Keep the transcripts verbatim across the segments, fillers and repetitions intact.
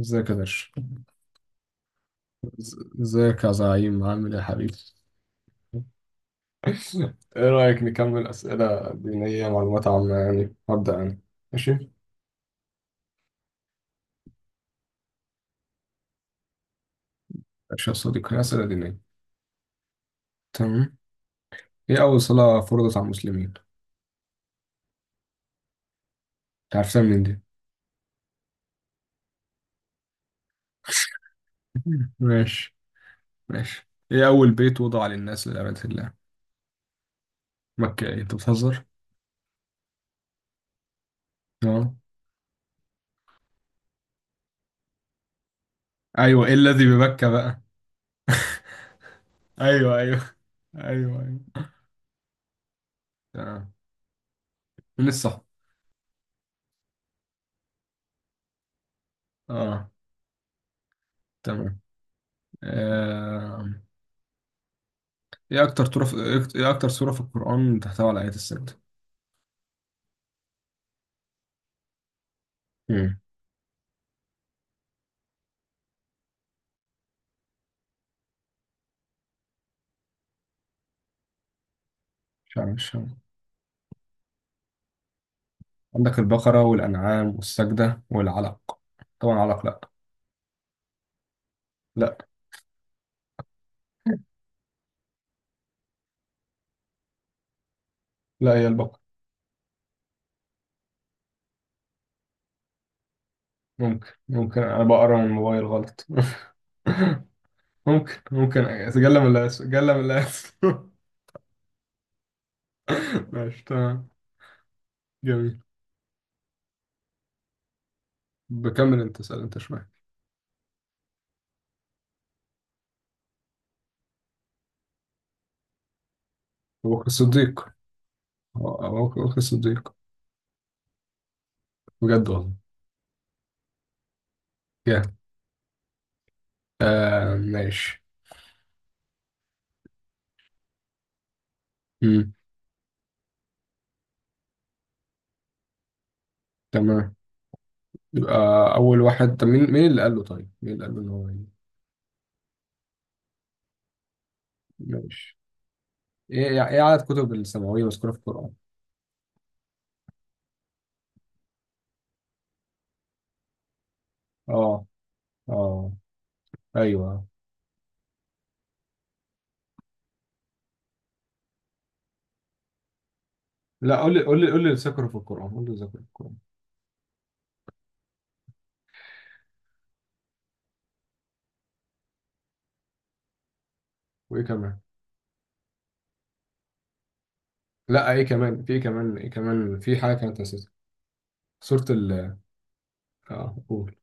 ازيك يا درش. إز- ازيك يا زعيم، عامل ايه يا حبيبي؟ ايه رأيك نكمل أسئلة دينية معلومات عامة؟ يعني هبدأ أنا. ماشي. ماشي يا صديقي، أسئلة دينية. تمام. ايه أول صلاة فرضت على المسلمين؟ أنت عرفتها منين دي؟ ماشي. ماشي، ايه أول بيت وضع للناس لعبادة الله؟ مكة؟ ايه أنت بتهزر؟ اه. أيوه، ايه الذي بمكة بقى؟ أيوه أيوه. أيوه أيوه. تمام. من الصح. اه. تمام. آه. ايه اكتر تورة في... ايه اكتر سورة في القرآن تحتوي على آيات السجدة؟ امم مش عارف، مش عارف. عندك البقرة والأنعام والسجدة والعلق. طبعا علق لا. لا، لا هي البقرة. ممكن ممكن، انا بقرا من الموبايل غلط. ممكن ممكن اتجلى من الاسف، اتجلى من الاسف. ماشي تمام. جميل. بكمل انت، اسال انت شويه. ابو بكر الصديق. ابو بكر الصديق. بجد والله؟ جامد. آه ماشي. مم. تمام. يبقى أول واحد. طب مين، مين اللي قال له؟ طيب، مين اللي قال له إن هو ي- ماشي. إيه، إيه إيه عدد كتب السماوية مذكورة في القرآن؟ آه. آه. أيوه. لا قول لي، قول لي قول لي اللي ذكره في القرآن، قول لي اللي ذكره في القرآن. وإيه كمان؟ لا إيه كمان؟ في إيه كمان؟ إيه كمان؟ في حاجة كانت نسيتها. سورة ال، آه قول.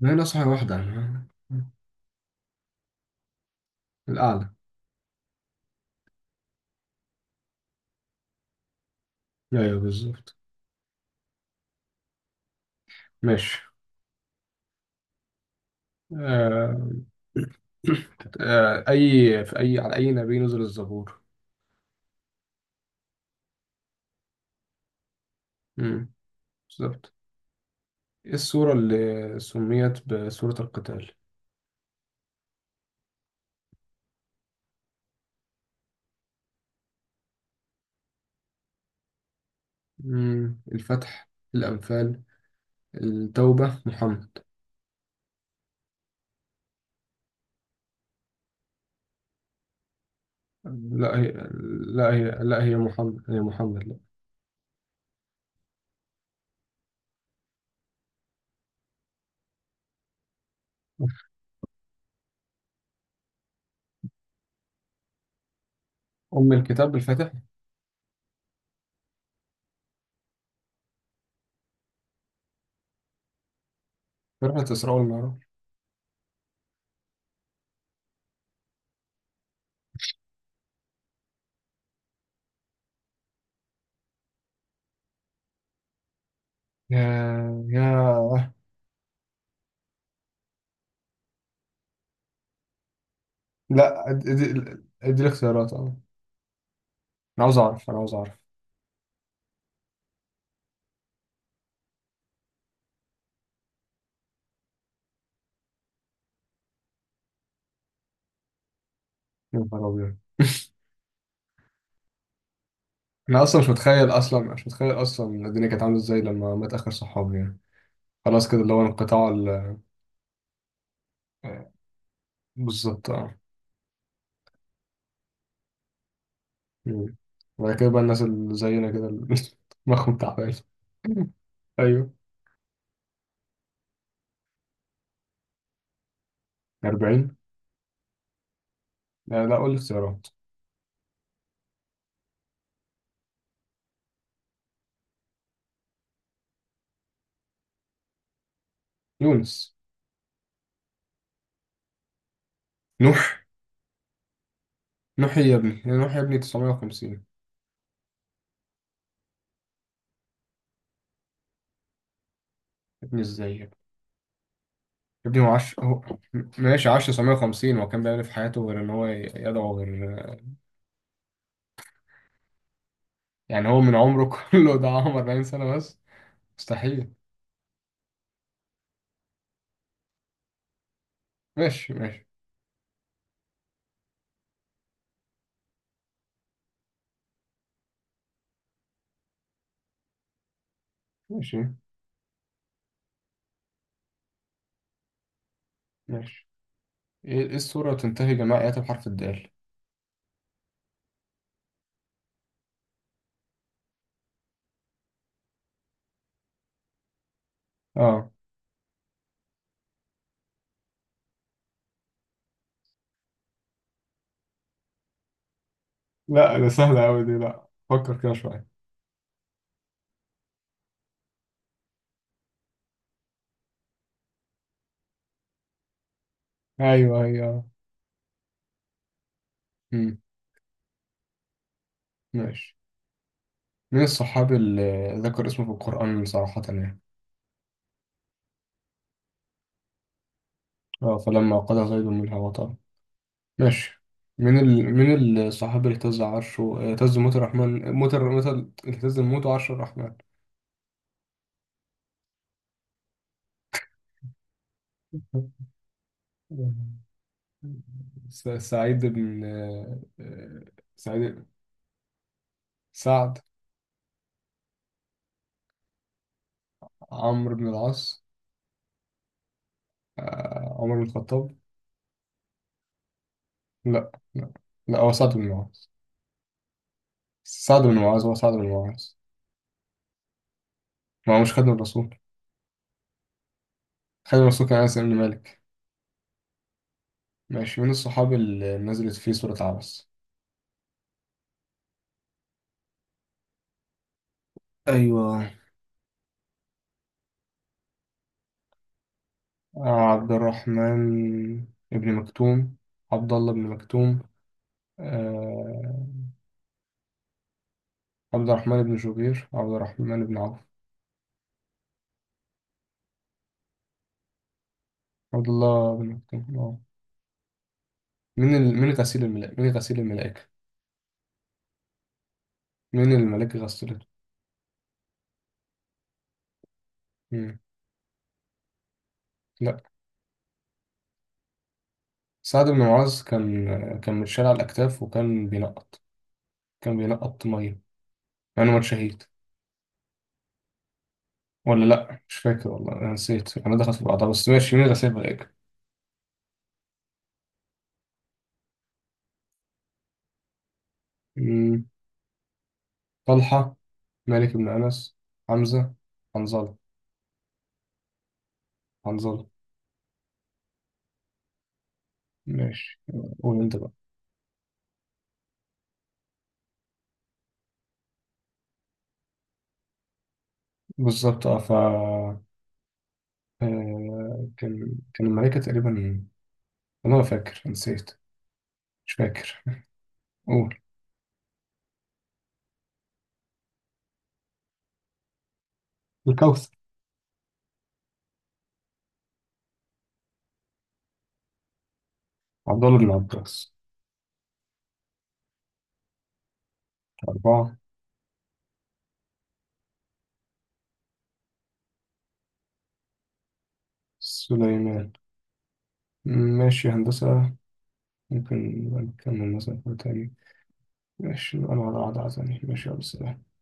ما هي نصحى واحدة أنا. الأعلى. أيوه بالظبط. ماشي. آه. آه. أي في أي على أي نبي نزل الزبور؟ مم. بالظبط. إيه السورة اللي سميت بسورة القتال؟ مم. الفتح، الأنفال، التوبة، محمد. لا هي لا هي لا هي محمد، هي محمد لا. أم الكتاب، الفاتح. فرقة إسراء والمعراج. يا يا لا ادي، ادي ادي الاختيارات. اه أنا عاوز أعرف، أنا عاوز أعرف. يا نهار أبيض. أنا أصلا مش متخيل، أصلا مش متخيل أصلا الدنيا كانت عاملة إزاي لما مات آخر صحابي يعني؟ خلاص كده اللي هو انقطاع ال- بالظبط اه. مم. وبعد كده بقى الناس اللي زينا كده اللي مخهم تعبان. ايوه. أربعين. لا لا، قول لي اختيارات. يونس. نوح. نوح يا ابني، يا نوح يا ابني، تسعمائة وخمسين يا ابني. ازاي يا ابني، يا ابني هو عاش هو. ماشي عاش تسعمية وخمسين، هو كان بيعمل إيه في حياته غير ان هو يدعو؟ غير يعني، هو من عمره كله ده عمر أربعين سنة بس؟ مستحيل. ماشي ماشي. ماشي ماشي. ايه، إيه السورة تنتهي جميع آياتها بحرف الدال؟ اه. لا ده سهلة أوي دي، لا فكر كده شوية. ايوه ايوه. ماشي، من الصحابي اللي ذكر اسمه في القرآن صراحة يعني؟ اه، فلما قضى زيد منها وطرا. ماشي، من ال... من الصحابي اللي اهتز عرشه؟ آه، اهتز موت الرحمن موت الر- مثل اهتز الموت وعرش الرحمن. س- سعيد بن، آه، آه، سعيد سعد. عمرو بن العاص. آه، عمر بن الخطاب. لا لا. لا هو سعد بن معاذ. سعد بن معاذ، هو سعد بن معاذ. ما هو مش خادم الرسول، خادم الرسول كان أنس بن مالك. ماشي، من الصحاب اللي نزلت فيه صورة عبس؟ ايوه. آه، عبد الرحمن ابن مكتوم، عبد الله بن مكتوم. آه، عبد الرحمن بن جبير، عبد الرحمن بن عوف. عبد الله بن مكتوم، اه. من ال... من غسيل الملائكة، من غسيل الملائكة. من الملائكة غسلته؟ مم. لا، سعد بن معاذ كان، كان متشال على الأكتاف وكان بينقط، كان بينقط مية. أنا مات شهيد ولا لأ مش فاكر والله، أنا نسيت، أنا دخلت في بعضها. بس ماشي، من غسيل الملائكة؟ طلحة، مالك بن أنس، حمزة، حنظلة. حنظلة. ماشي. قول أنت بقى. بالظبط. أه ف، آه، كان، كان الملكة تقريبا، أنا لا فاكر، نسيت، مش فاكر. قول. الكوثر. عبد الله بن عباس. أربعة. سليمان. ماشي يا هندسة. ممكن نبقى نكمل مثلا في تاني. ماشي أنا هقعد على عادة تاني. ماشي يا أبو السلام.